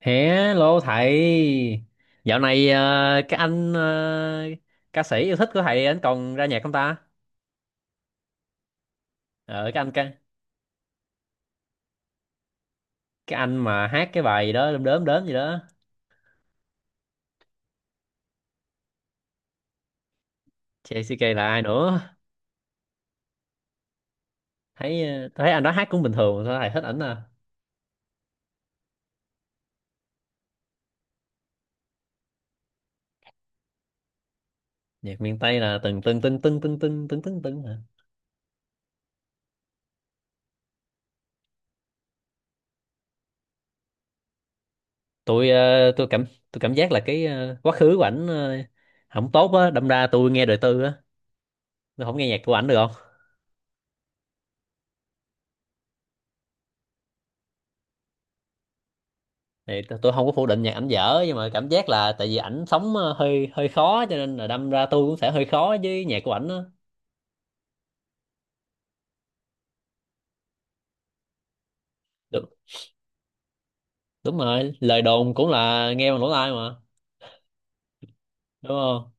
Hello thầy, dạo này cái anh ca sĩ yêu thích của thầy anh còn ra nhạc không ta? Ờ, cái anh cái, cái anh mà hát cái bài đó đớm đớm đớm gì đó, JCK là ai nữa? Thấy anh đó hát cũng bình thường, sao thầy thích ảnh à? Nhạc miền Tây là từng từng từng từng từng từng từng từng từng hả? Tôi cảm giác là quá khứ của không tốt á, đâm ra tôi nghe đời tư á, tôi không nghe nhạc của ảnh được. Thì tôi không có phủ định nhạc ảnh dở, nhưng mà cảm giác là tại vì ảnh sống hơi hơi khó, cho nên là đâm ra tôi cũng sẽ hơi khó với nhạc của ảnh á. Đúng, đúng rồi, lời đồn cũng là nghe bằng lỗ tai mà, đúng không?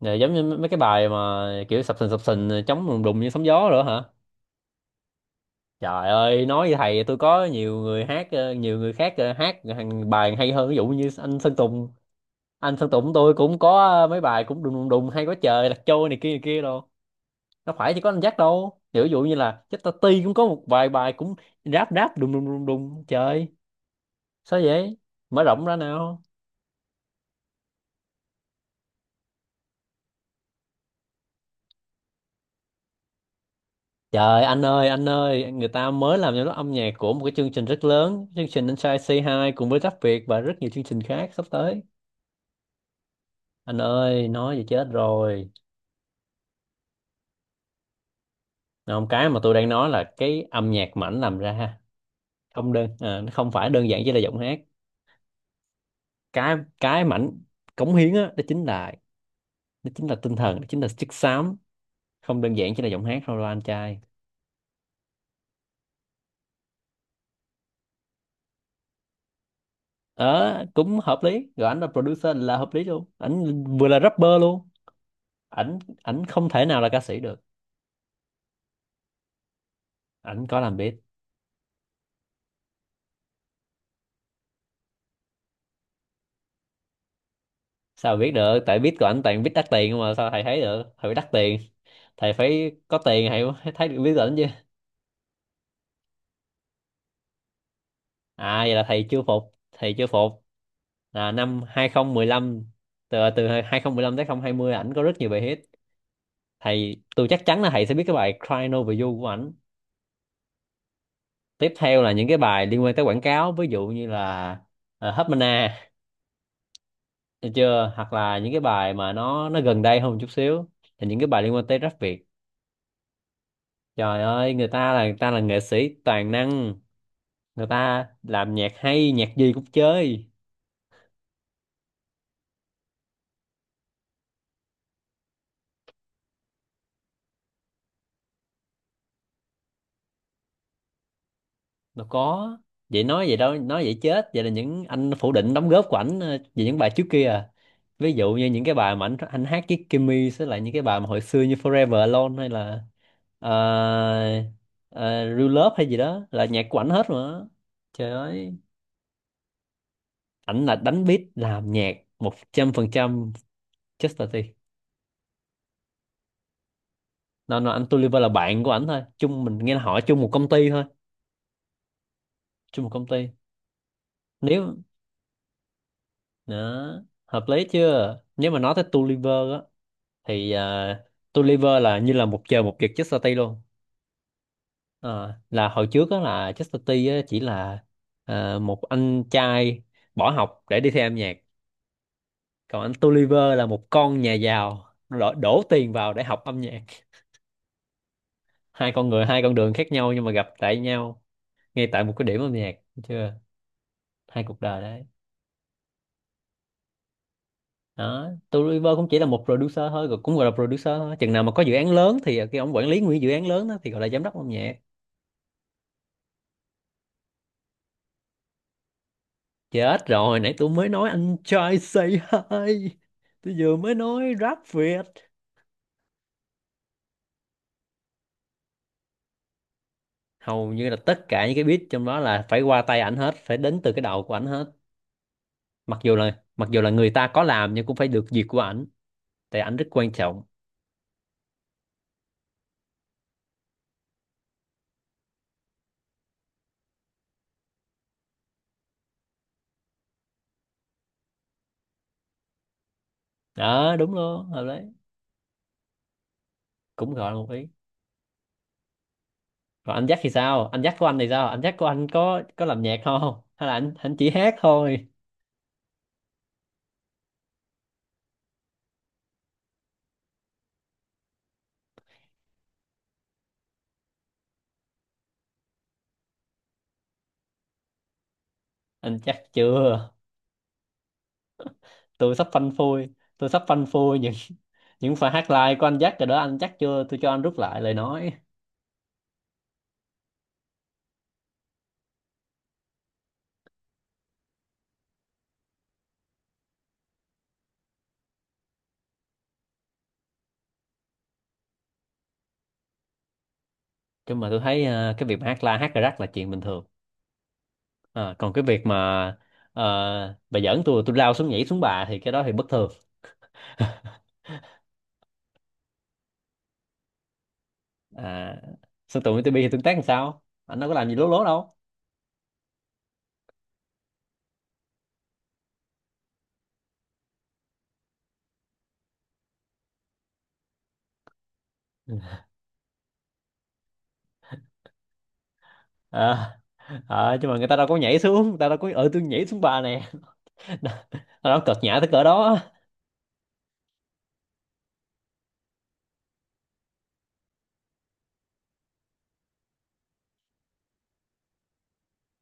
Rồi, giống như mấy mấy cái bài mà kiểu sập sình sập sình, chống đùng đùng như sóng gió nữa hả? Trời ơi, nói với thầy, tôi có nhiều người nhiều người khác hát hàng bài hay hơn, ví dụ như anh Sơn Tùng. Anh Sơn Tùng tôi cũng có, mấy bài cũng đùng đùng đùng hay quá trời, lạc trôi này kia này kia. Đâu, đâu phải chỉ có anh Jack đâu, ví dụ như là Jack Tati cũng có một vài bài cũng ráp ráp đùng đùng đùng đùng trời. Sao vậy? Mở rộng ra nào. Trời anh ơi, anh ơi, người ta mới làm cho nó âm nhạc của một cái chương trình rất lớn, chương trình Inside C2 cùng với Rap Việt và rất nhiều chương trình khác sắp tới. Anh ơi, nói vậy chết rồi. Không, cái mà tôi đang nói là cái âm nhạc mảnh làm ra. Không đơn à, Nó không phải đơn giản chỉ là giọng hát. Cái mảnh cống hiến á, đó chính là tinh thần, đó chính là chất xám. Không đơn giản chỉ là giọng hát thôi đâu anh trai. Ờ cũng hợp lý rồi, ảnh là producer là hợp lý luôn, ảnh vừa là rapper luôn. Ảnh ảnh không thể nào là ca sĩ được. Ảnh có làm beat. Sao mà biết được, tại beat của ảnh toàn beat đắt tiền không mà, sao thầy thấy được, thầy phải đắt tiền. Thầy phải có tiền thầy mới thấy được beat của ảnh chứ. Vậy là thầy chưa phục, thầy chưa phục. Là năm 2015, từ từ 2015 tới 2020 ảnh có rất nhiều bài hit. Thầy, tôi chắc chắn là thầy sẽ biết cái bài Crying Over You của ảnh. Tiếp theo là những cái bài liên quan tới quảng cáo, ví dụ như là Hubmana. Được chưa? Hoặc là những cái bài mà nó gần đây hơn một chút xíu, là những cái bài liên quan tới rap Việt. Trời ơi, người ta là nghệ sĩ toàn năng. Người ta làm nhạc hay, nhạc gì cũng chơi. Đâu có, vậy nói vậy đâu, nói vậy chết, vậy là những anh phủ định đóng góp của ảnh về những bài trước kia à? Ví dụ như những cái bài mà anh hát với Kimmy sẽ là những cái bài mà hồi xưa như Forever Alone hay là uh, Real Love hay gì đó, là nhạc của ảnh hết mà. Trời ơi, ảnh là đánh beat làm nhạc 100%, Chester T. Nó, anh Tolliver là bạn của ảnh thôi, chung mình nghe là họ chung một công ty thôi. Chung một công ty. Nếu đó hợp lý chưa, nếu mà nói tới Tolliver á, thì Tulliver là như là một trời một vực Chester City luôn. Ờ, là hồi trước đó là Chester City á, chỉ là một anh trai bỏ học để đi theo âm nhạc. Còn anh Tulliver là một con nhà giàu, đổ tiền vào để học âm nhạc. Hai con người, hai con đường khác nhau, nhưng mà gặp tại nhau ngay tại một cái điểm âm nhạc. Thấy chưa? Hai cuộc đời đấy. Đó, Tulliver cũng chỉ là một producer thôi, cũng gọi là producer thôi, chừng nào mà có dự án lớn thì cái ông quản lý nguyên dự án lớn đó thì gọi là giám đốc âm nhạc. Chết rồi, nãy tôi mới nói anh trai say hi. Tôi vừa mới nói rap Việt. Hầu như là tất cả những cái beat trong đó là phải qua tay ảnh hết, phải đến từ cái đầu của ảnh hết. Mặc dù là người ta có làm nhưng cũng phải được duyệt của ảnh, tại ảnh rất quan trọng. Đó, đúng luôn, hợp lý. Cũng gọi là một ý. Còn anh Jack thì sao? Anh Jack của anh thì sao? Anh Jack của anh có làm nhạc không? Hay là anh chỉ hát thôi? Anh chắc chưa? tôi sắp phanh phui tôi sắp phanh phui những những pha hát live của anh Jack rồi đó. Anh Jack chưa, tôi cho anh rút lại lời nói. Chứ mà tôi thấy cái việc mà hát live hát cà rắc là chuyện bình thường. Ờ, còn cái việc mà bà giỡn tôi lao xuống nhảy xuống bà thì cái đó thì bất thường. à, sân tụi MTP thì tương tác làm sao, anh đâu có làm gì lố lố đâu. à, nhưng mà người ta đâu có nhảy xuống, người ta đâu có, tôi nhảy xuống bà nè. nó nó cợt nhã tới cỡ đó.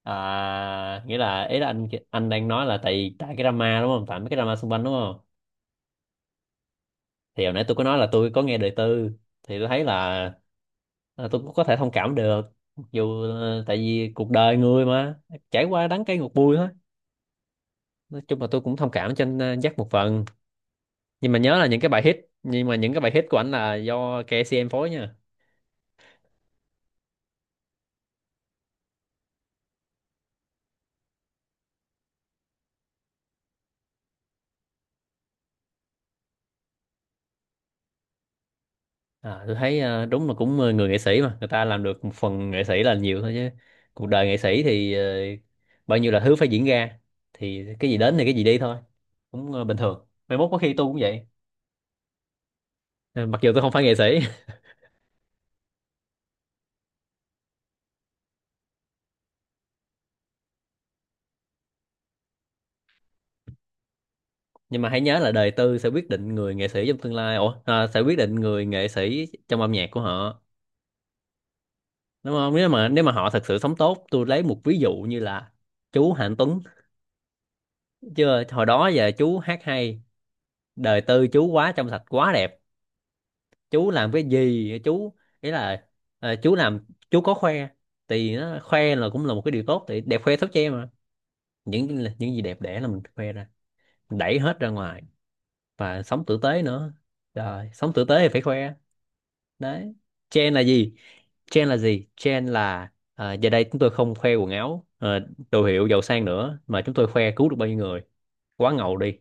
Nghĩa là, ý là, anh đang nói là tại tại cái drama, đúng không, tại mấy cái drama xung quanh đúng không? Thì hồi nãy tôi có nói là tôi có nghe đời tư, thì tôi thấy là tôi cũng có thể thông cảm được. Tại vì cuộc đời người mà trải qua đắng cay ngọt bùi thôi. Nói chung là tôi cũng thông cảm cho anh Jack một phần. Nhưng mà nhớ là những cái bài hit, nhưng mà những cái bài hit của anh là do KCM phối nha. Tôi thấy đúng là cũng người nghệ sĩ mà người ta làm được một phần nghệ sĩ là nhiều thôi chứ. Cuộc đời nghệ sĩ thì bao nhiêu là thứ phải diễn ra. Thì cái gì đến thì cái gì đi thôi. Cũng bình thường, mai mốt có khi tôi cũng vậy. Ờ, mặc dù tôi không phải nghệ sĩ, nhưng mà hãy nhớ là đời tư sẽ quyết định người nghệ sĩ trong tương lai, sẽ quyết định người nghệ sĩ trong âm nhạc của họ. Đúng không? Nếu mà họ thật sự sống tốt, tôi lấy một ví dụ như là chú Hạnh Tuấn. Chưa, hồi đó giờ chú hát hay, đời tư chú quá trong sạch, quá đẹp. Chú làm cái gì chú, ý là chú làm, chú có khoe. Thì nó khoe là cũng là một cái điều tốt, thì đẹp khoe thốt che mà, những gì đẹp đẽ là mình khoe ra, mình đẩy hết ra ngoài, và sống tử tế nữa. Trời, sống tử tế thì phải khoe, đấy. Trend là gì? Trend là giờ đây chúng tôi không khoe quần áo, đồ hiệu giàu sang nữa, mà chúng tôi khoe cứu được bao nhiêu người. Quá ngầu đi.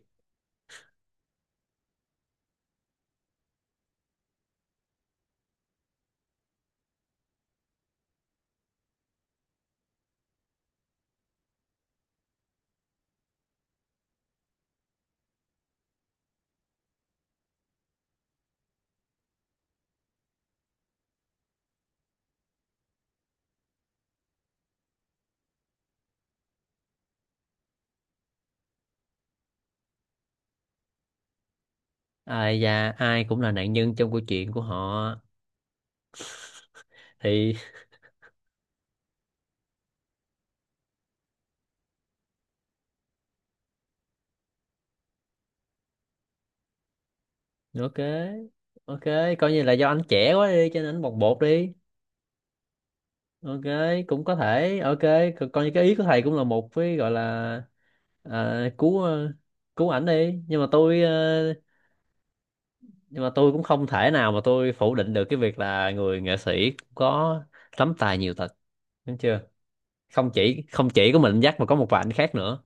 Ai da, ai cũng là nạn nhân trong câu chuyện của họ. Thì ok, ok, coi như là do anh trẻ quá đi cho nên anh bồng bột đi. Ok, cũng có thể ok. Coi như cái ý của thầy cũng là một cái gọi là à, cứu ờ, cứu ảnh đi, nhưng mà tôi nhưng mà tôi cũng không thể nào mà tôi phủ định được cái việc là người nghệ sĩ có lắm tài nhiều tật. Đúng chưa? Không chỉ có mình dắt mà có một vài anh khác nữa.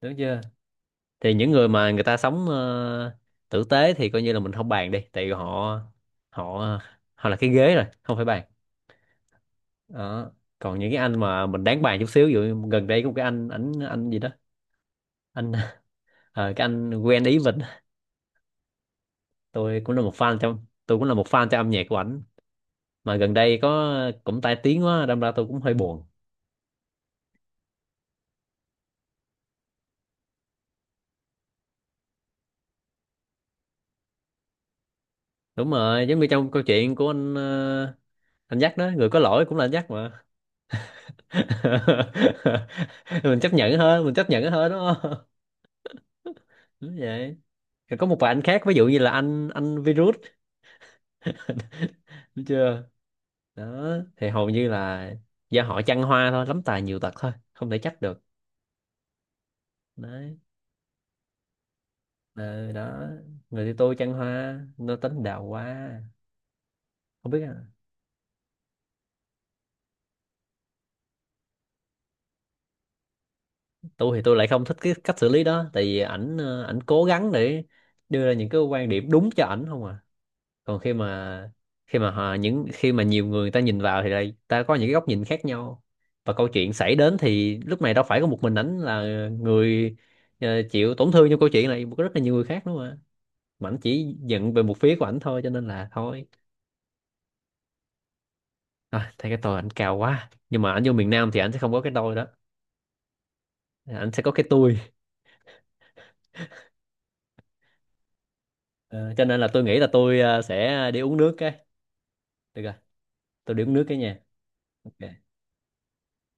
Đúng chưa? Thì những người mà người ta sống tử tế thì coi như là mình không bàn đi, tại vì họ họ họ là cái ghế rồi, không phải bàn. Đó. Còn những cái anh mà mình đáng bàn chút xíu, ví dụ gần đây có một cái anh ảnh anh gì đó, anh cái anh Gwen Ý Vịnh. Tôi cũng là một fan cho âm nhạc của ảnh. Mà gần đây có cũng tai tiếng quá, đâm ra tôi cũng hơi buồn. Đúng rồi, giống như trong câu chuyện của anh dắt đó, người có lỗi cũng là anh dắt mà. Mình chấp nhận hơn, mình chấp nhận hơn, đúng không? Đúng vậy. Rồi có một vài anh khác, ví dụ như là anh virus. Đúng chưa? Đó thì hầu như là do họ chăn hoa thôi, lắm tài nhiều tật thôi, không thể trách được. Đấy. Ờ, đó, người thì tôi chăn hoa nó tính đào hoa. Không biết. Tôi thì tôi lại không thích cái cách xử lý đó, tại vì ảnh cố gắng để đưa ra những cái quan điểm đúng cho ảnh không à. Còn khi mà, khi mà họ, những khi mà nhiều người người ta nhìn vào thì đây ta có những cái góc nhìn khác nhau. Và câu chuyện xảy đến thì lúc này đâu phải có một mình ảnh là người chịu tổn thương, trong câu chuyện này có rất là nhiều người khác nữa mà. Mà ảnh chỉ giận về một phía của ảnh thôi cho nên là thôi. Thấy cái tôi ảnh cao quá, nhưng mà ảnh vô miền Nam thì ảnh sẽ không có cái tôi đó. Ảnh sẽ có cái tôi. Ờ, cho nên là tôi nghĩ là tôi sẽ đi uống nước cái, được rồi, tôi đếm nước cái nha. Ok.